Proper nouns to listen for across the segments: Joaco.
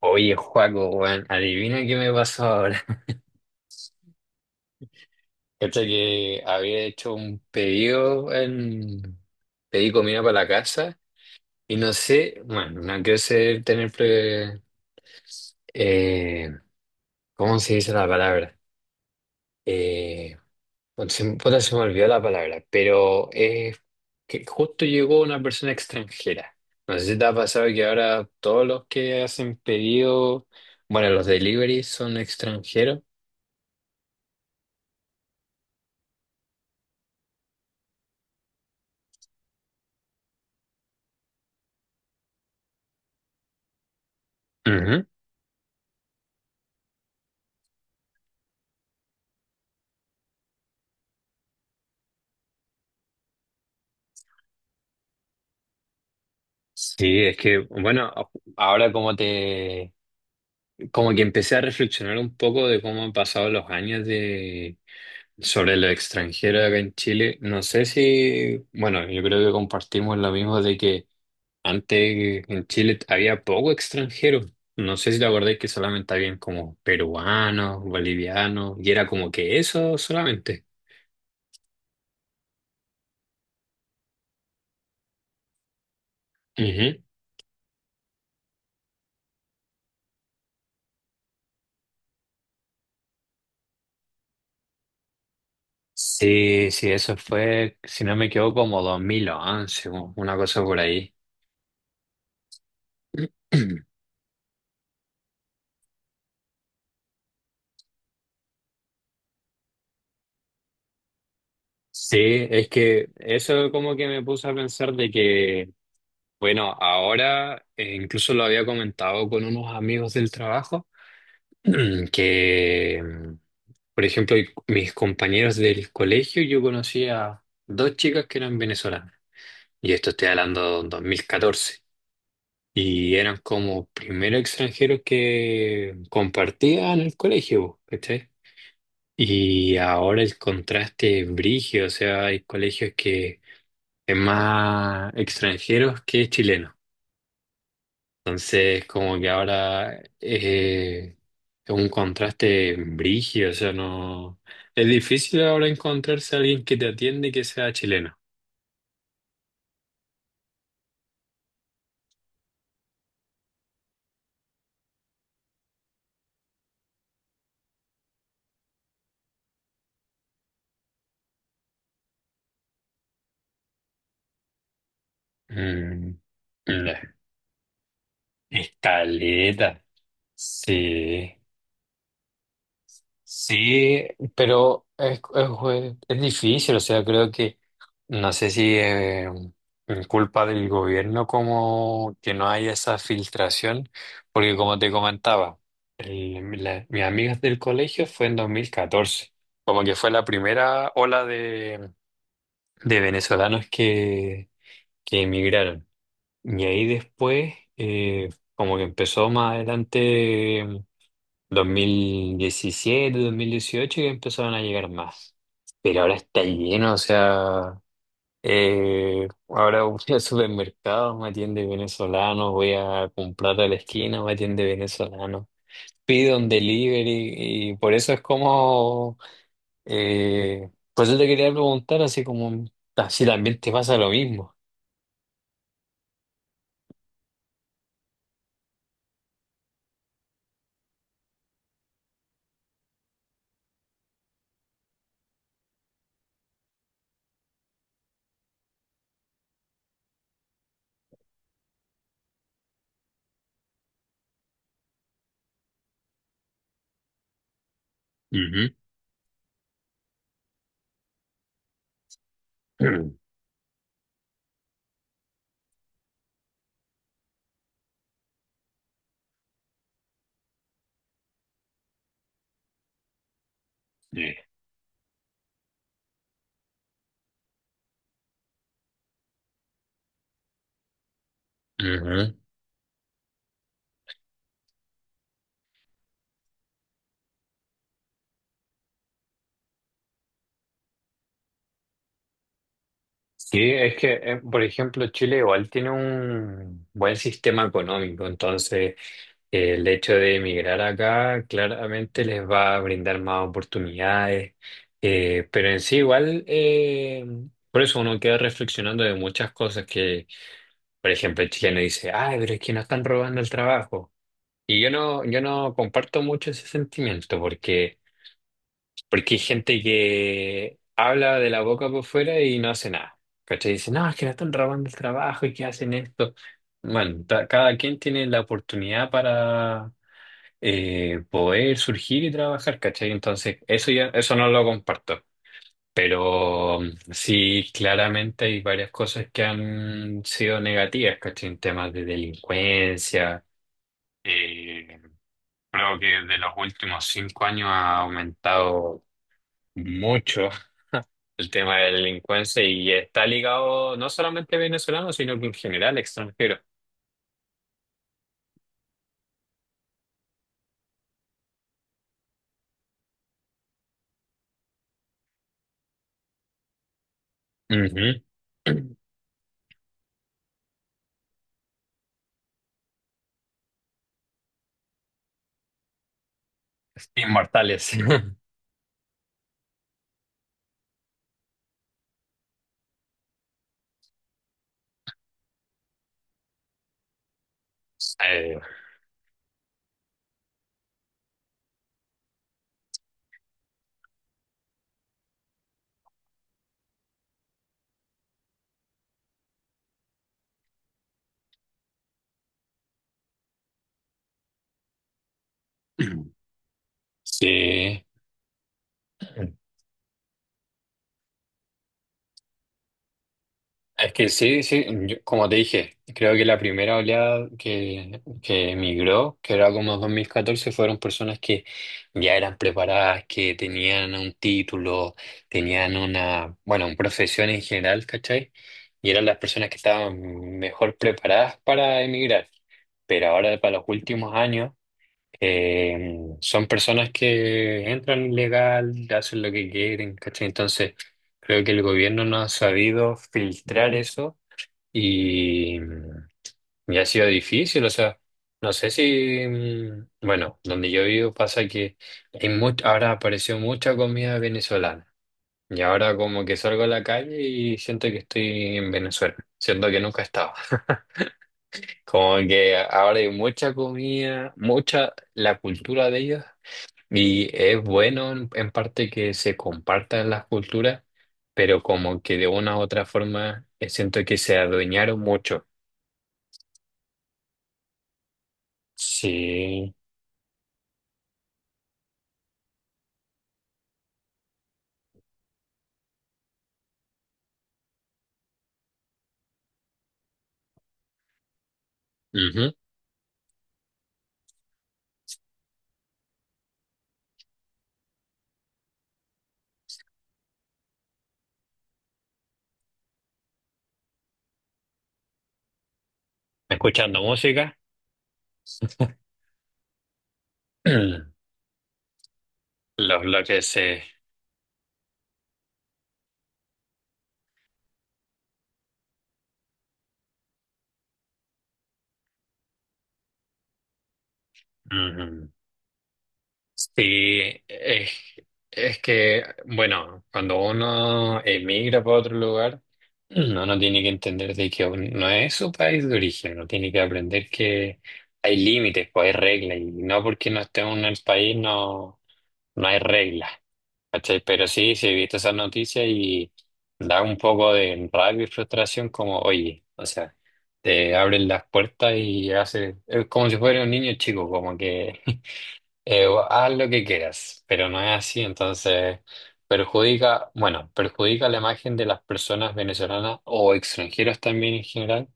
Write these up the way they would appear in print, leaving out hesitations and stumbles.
Oye, Joaco, weón, adivina qué me pasó ahora. Cacha que había hecho un pedido en... Pedí comida para la casa y no sé, bueno, no quiero ser, tener... eh, ¿cómo se dice la palabra? Eh, bueno, se, puta, se me olvidó la palabra, pero es que justo llegó una persona extranjera. No sé si te ha pasado que ahora todos los que hacen pedido, bueno, los deliveries son extranjeros. Sí, es que, bueno, ahora como te, como que empecé a reflexionar un poco de cómo han pasado los años de, sobre lo extranjero acá en Chile. No sé si, bueno, yo creo que compartimos lo mismo de que antes en Chile había poco extranjero. No sé si te acordás que solamente habían como peruanos, bolivianos, y era como que eso solamente. Ujú. Sí, sí, eso fue, si no me equivoco, como 2011, o una cosa por ahí. Sí, es que eso como que me puse a pensar de que, bueno, ahora incluso lo había comentado con unos amigos del trabajo, que, mm, por ejemplo, mis compañeros del colegio, yo conocía dos chicas que eran venezolanas, y esto estoy hablando de 2014 y eran como primeros extranjeros que compartían el colegio, ¿cachai? Y ahora el contraste es brígido, o sea, hay colegios que es más extranjeros que chilenos. Entonces, como que ahora es un contraste brígido, o sea, no... Es difícil ahora encontrarse a alguien que te atiende que sea chileno. Mm, la escaleta. Sí. Sí, pero es difícil, o sea, creo que no sé si es culpa del gobierno como que no haya esa filtración, porque como te comentaba, mis amigas del colegio fue en 2014, como que fue la primera ola de venezolanos que emigraron. Y ahí después, como que empezó más adelante dos mil diecisiete dos mil dieciocho que empezaron a llegar más. Pero ahora está lleno, o sea, ahora voy al supermercado, me atiende venezolano, voy a comprar a la esquina, me atiende venezolano. Pido un delivery y por eso es como, por eso te quería preguntar así como, ah, si también te pasa lo mismo. Ujú. Ujú. Sí, es que, por ejemplo, Chile igual tiene un buen sistema económico, entonces el hecho de emigrar acá claramente les va a brindar más oportunidades, pero en sí igual, por eso uno queda reflexionando de muchas cosas que, por ejemplo, el chileno dice, ay, pero es que nos están robando el trabajo. Yo no comparto mucho ese sentimiento porque... Porque hay gente que habla de la boca por fuera y no hace nada. ¿Cachai? Dice, no, es que le están robando el trabajo y que hacen esto. Bueno, cada quien tiene la oportunidad para poder surgir y trabajar, ¿cachai? Entonces, eso ya, eso no lo comparto. Pero mm, sí, claramente hay varias cosas que han sido negativas, ¿cachai? En temas de delincuencia. eh, Creo que de los últimos cinco años ha aumentado mucho el tema de la delincuencia y está ligado no solamente a venezolanos, sino que en general extranjeros. Ujú. Inmortales. Eh, sí. Es que sí, sí, como te dije, creo que la primera oleada que emigró, que era como 2014, fueron personas que ya eran preparadas, que tenían un título, tenían una, bueno, una profesión en general, ¿cachai? Y eran las personas que estaban mejor preparadas para emigrar. Pero ahora, para los últimos años, son personas que entran ilegal, hacen lo que quieren, ¿cachai? Entonces, creo que el gobierno no ha sabido filtrar eso y, y ha sido difícil. O sea, no sé si, mm, bueno, donde yo vivo pasa que hay ahora apareció mucha comida venezolana. Y ahora como que salgo a la calle y siento que estoy en Venezuela, siento que nunca he estado. Como que ahora hay mucha comida, mucha, la cultura de ellos. Y es bueno en parte que se compartan las culturas, pero como que de una u otra forma siento que se adueñaron mucho. Sí. Ujú. Escuchando música, los bloques se... Sí, es que, bueno, cuando uno emigra para otro lugar, uno no tiene que entender de que no es su país de origen, uno tiene que aprender que hay límites, pues hay reglas, y no porque no esté uno en el país no, no hay reglas, ¿cachai? Pero sí, sí he visto esas noticias y da un poco de rabia y frustración como, oye, o sea, te abren las puertas y hace, es como si fuera un niño chico, como que... Haz lo que quieras, pero no es así, entonces perjudica, bueno, perjudica la imagen de las personas venezolanas o extranjeras también en general,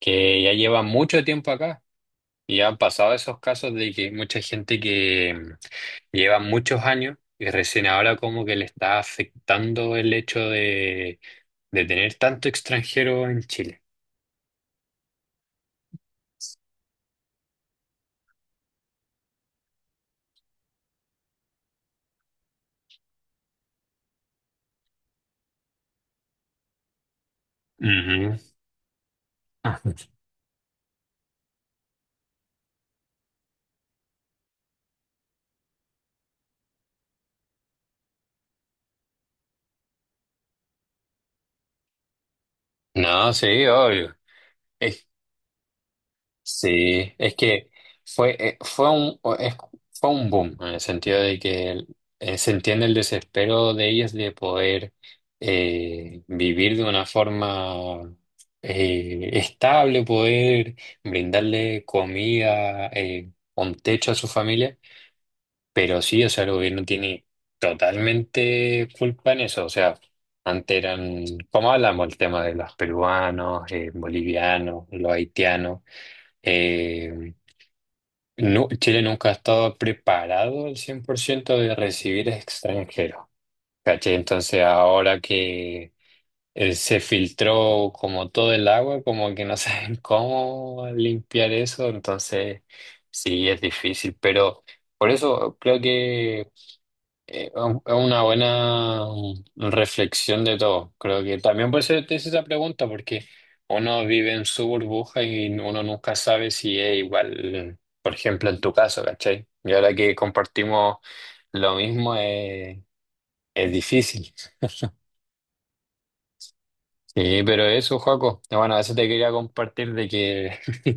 que ya llevan mucho tiempo acá y han pasado esos casos de que mucha gente que mm, lleva muchos años y recién ahora como que le está afectando el hecho de tener tanto extranjero en Chile. Ujú. No, sí, obvio. Sí, es que fue, eh, fue un, o- es- fue un boom en el sentido de que se entiende el desespero de ellas de poder vivir de una forma estable, poder brindarle comida, un techo a su familia, pero sí, o sea, el gobierno tiene totalmente culpa en eso, o sea, antes eran, como hablamos, el tema de los peruanos, bolivianos, los haitianos. eh, no, Chile nunca ha estado preparado al 100% de recibir extranjeros, ¿cachai? Entonces ahora que se filtró como todo el agua, como que no saben cómo limpiar eso, entonces sí es difícil, pero por eso creo que Es una buena reflexión de todo. Creo que también por eso te hice esa pregunta, porque uno vive en su burbuja y uno nunca sabe si es igual, por ejemplo, en tu caso, ¿cachai? Y ahora que compartimos lo mismo, es difícil. Sí, pero eso, Joaco. Bueno, eso te quería compartir de que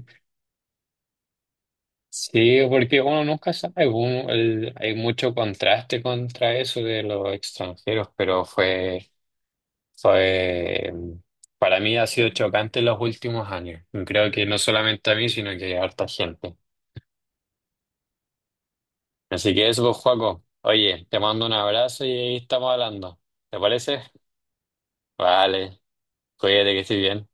sí, porque uno nunca sabe. Hay mucho contraste contra eso de los extranjeros, pero fue. Fue, mm, para mí ha sido chocante en los últimos años. Y creo que no solamente a mí, sino que a harta gente. Así que eso, pues, Joaco. Oye, te mando un abrazo y ahí estamos hablando. ¿Te parece? Vale, cuídate que estés bien.